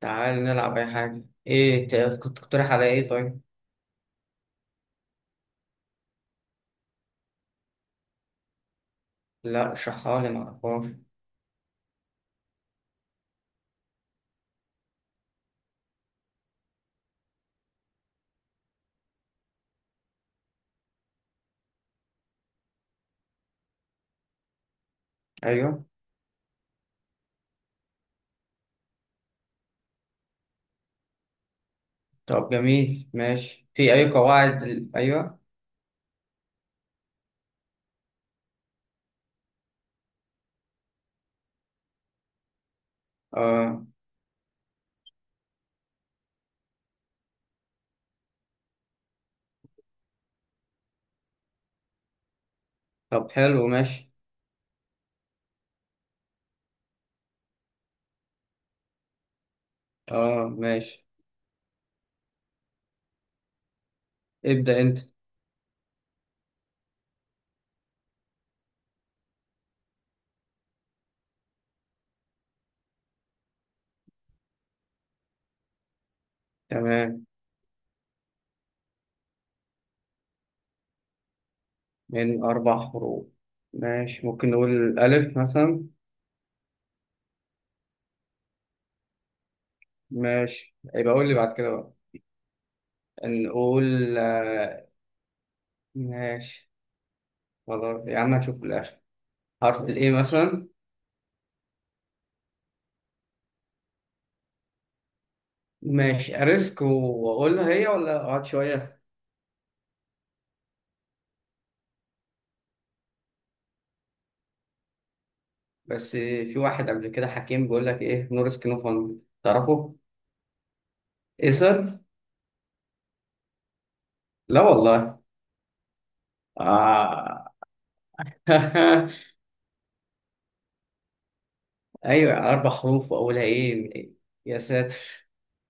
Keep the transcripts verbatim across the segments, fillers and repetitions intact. تعال نلعب أي حاجة. إيه ت- كنت تقترح على؟ إيه طيب؟ لا اشرحها لي، معرفهاش. أيوه. طب جميل ماشي، في أي قواعد ال- أيوه؟ آه. طب حلو ماشي. آه ماشي. ابدأ أنت. تمام. من أربع حروف. ماشي، ممكن نقول ألف مثلا. ماشي، يبقى قول لي بعد كده بقى. نقول آه. ماشي. خلاص يا عم، هنشوف في الآخر. حرف الإيه مثلا. ماشي، أريسك وأقولها هي ولا أقعد شوية؟ بس في واحد قبل كده حكيم بيقول لك ايه، نور سكين اوف مية. تعرفه؟ ايسر؟ لا والله. آه. ايوه، اربع حروف واولها ايه. يا ساتر.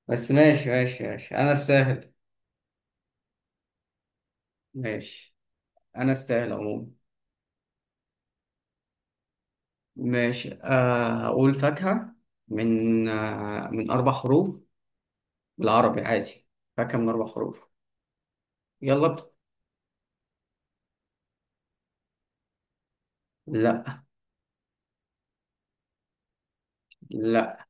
بس ماشي ماشي ماشي، انا استاهل. ماشي، انا استاهل عموما. ماشي، آه، اقول فاكهة. من آه، من اربع حروف. بالعربي عادي. فاكهة من اربع حروف. يلا بت... لا. لا.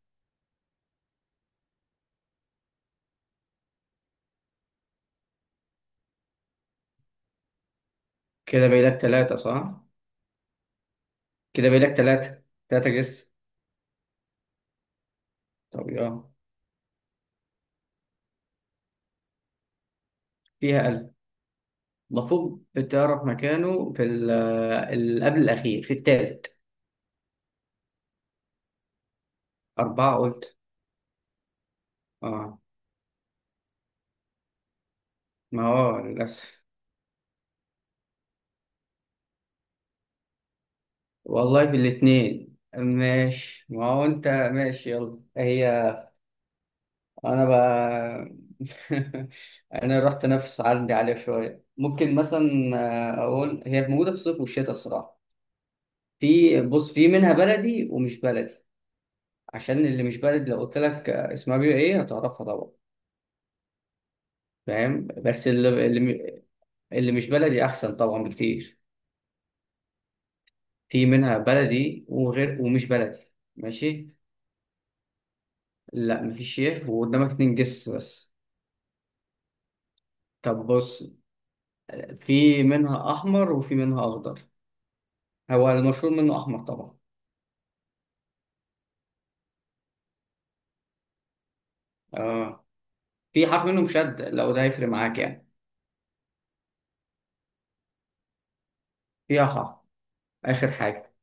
كده باقي لك ثلاثة صح؟ كده باقي لك ثلاثة. ثلاثة جس. طب يلا. فيها. المفروض بتعرف مكانه في ال- ال- قبل الأخير، في التالت. أربعة قلت. آه. ما هو للأسف. والله في الاتنين ماشي، ما هو أنت ماشي، يلا هي. أنا بقى. أنا رحت أنافس عندي عليها شوية، ممكن مثلا. آه، أقول هي موجودة في الصيف والشتاء الصراحة. في بص، في منها بلدي ومش بلدي. عشان اللي مش بلدي لو قلت لك اسمها بيبقى إيه، هتعرفها طبعا. فاهم، بس اللي, اللي مش بلدي احسن طبعا بكتير. في منها بلدي وغير ومش بلدي ماشي. لا، مفيش يه، وقدامك اتنين جس بس. طب بص. في منها احمر وفي منها اخضر. هو المشهور منه احمر طبعا. اه. في حرف منه مشد، لو ده هيفرق معاك يعني. فيها حرف. اخر حاجه.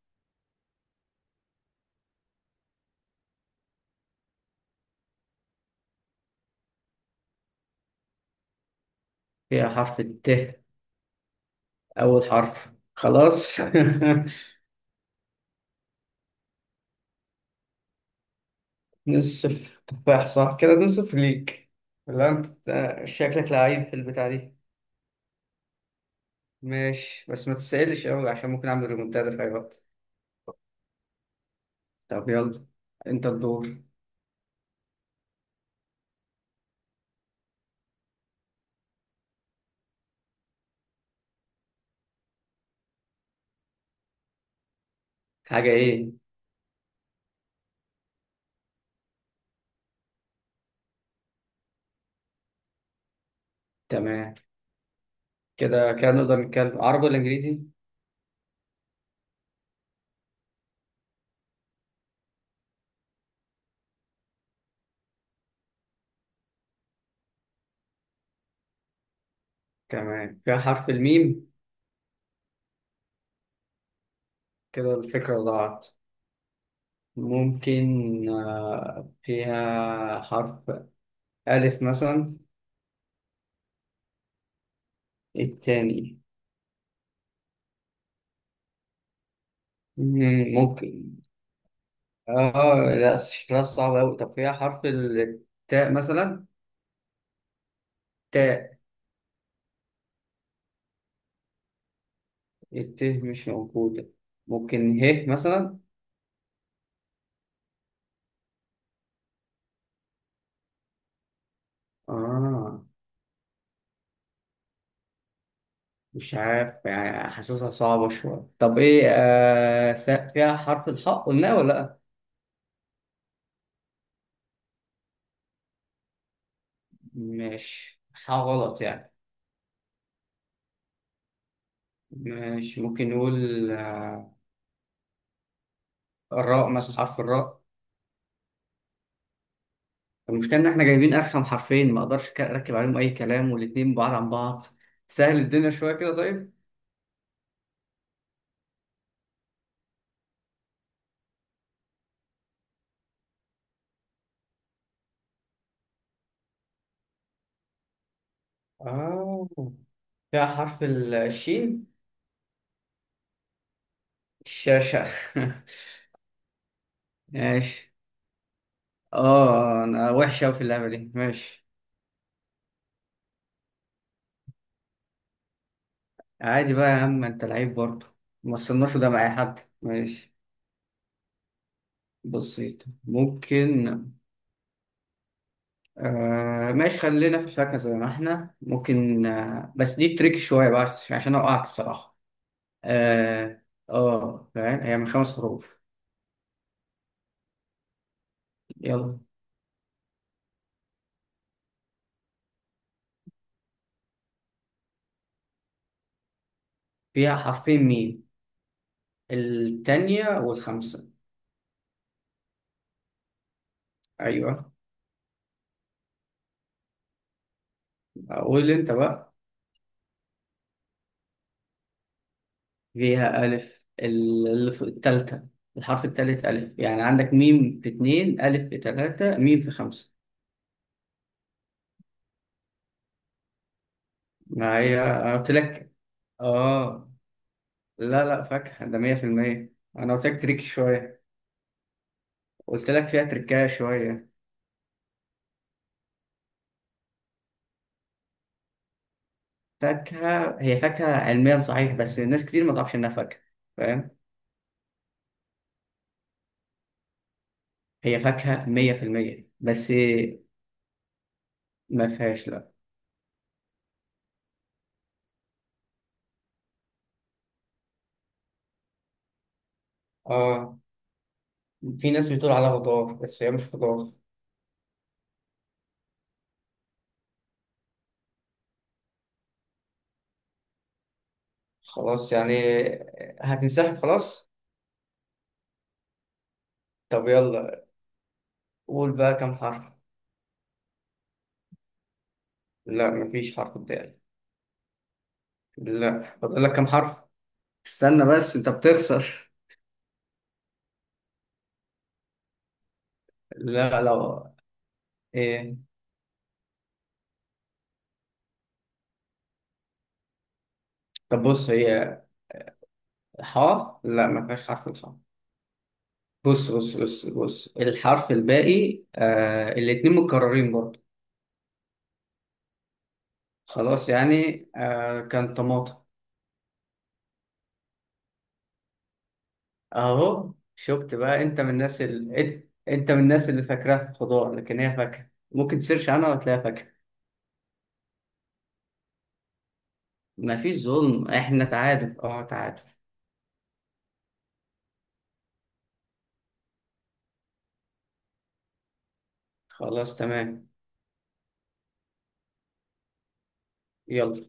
فيها حرف الت. اول حرف خلاص. نصف تفاح صح؟ كده نصف ليك. ولا انت آه، شكلك لعيب في البتاع دي. ماشي، بس ما تسألش قوي عشان ممكن اعمل ريمونتادا في اي وقت. طب يلا. انت الدور. حاجة ايه؟ تمام. كده كده نقدر نتكلم عربي ولا انجليزي؟ تمام، فيها حرف الميم. كده الفكرة ضاعت. ممكن. آه، فيها حرف ألف مثلا. التاني. مم، ممكن. اه. لا شكلها صعب أوي. طب فيها حرف التاء مثلا. تاء. الت مش موجودة. ممكن ه مثلا. آه مش عارف يعني، حاسسها صعبة شوية. طب إيه، آه س- فيها حرف الحاء قلناه ولا لأ؟ مش حاء غلط يعني؟ مش ممكن نقول آه الراء مثلا، حرف الراء. المشكلة إن إحنا جايبين أرخم حرفين، ما أقدرش ك- أركب عليهم أي كلام، والاتنين بعاد عن بعض. سهل الدنيا شوية كده طيب. آه فيها حرف الشين. الشاشة. ماشي. آه أنا وحشة أوي في اللعبة دي ماشي. عادي بقى يا عم، انت لعيب برضه. ما وصلناش ده مع اي حد ماشي. بسيط، ممكن. آه ماشي، خلينا في الفاكهة زي ما احنا ممكن، آه بس دي تريك شوية بس عشان اوقعك الصراحة. اه. اه فاهم، هي من خمس حروف. يلا. فيها حرفين ميم. التانية والخمسة. ايوه. قول انت بقى. فيها ألف، ال- الف- التالتة. الحرف التالت ألف، يعني عندك ميم في اتنين، ألف في تلاتة، ميم في خمسة. ما هي انا قلت لك. اه. لا لا، فاكهة ده مائة بالمائة. انا قلت لك تريكي شوية. قلت لك فيها تركاية شوية. فاكهة، هي فاكهة علميا صحيح، بس ناس كتير ما تعرفش انها فاكهة. فاهم. هي فاكهة مية في المية بس. ما فيهاش لا. اه. في ناس بتقول عليها خضار، بس هي مش خضار. خلاص يعني. هتنسحب خلاص؟ طب يلا. قول بقى كم حرف. لا، مفيش حرف قدامي. لا، فاضل لك كم حرف. استنى بس، انت بتخسر. لا لو. ايه. طب بص، هي. حاء؟ لا، ما فيهاش حرف الحاء. بص بص بص بص، الحرف الباقي آه الاتنين متكررين برضه. خلاص يعني، آه كان طماطم. اهو شفت بقى، انت من الناس ال... إت- انت من الناس اللي فاكراها خضار، لكن هي فاكهة، ممكن تسيرش عنها وتلاقيها فاكهة. ما فيش ظلم، احنا تعادل، اه تعادل. خلاص تمام. يلا.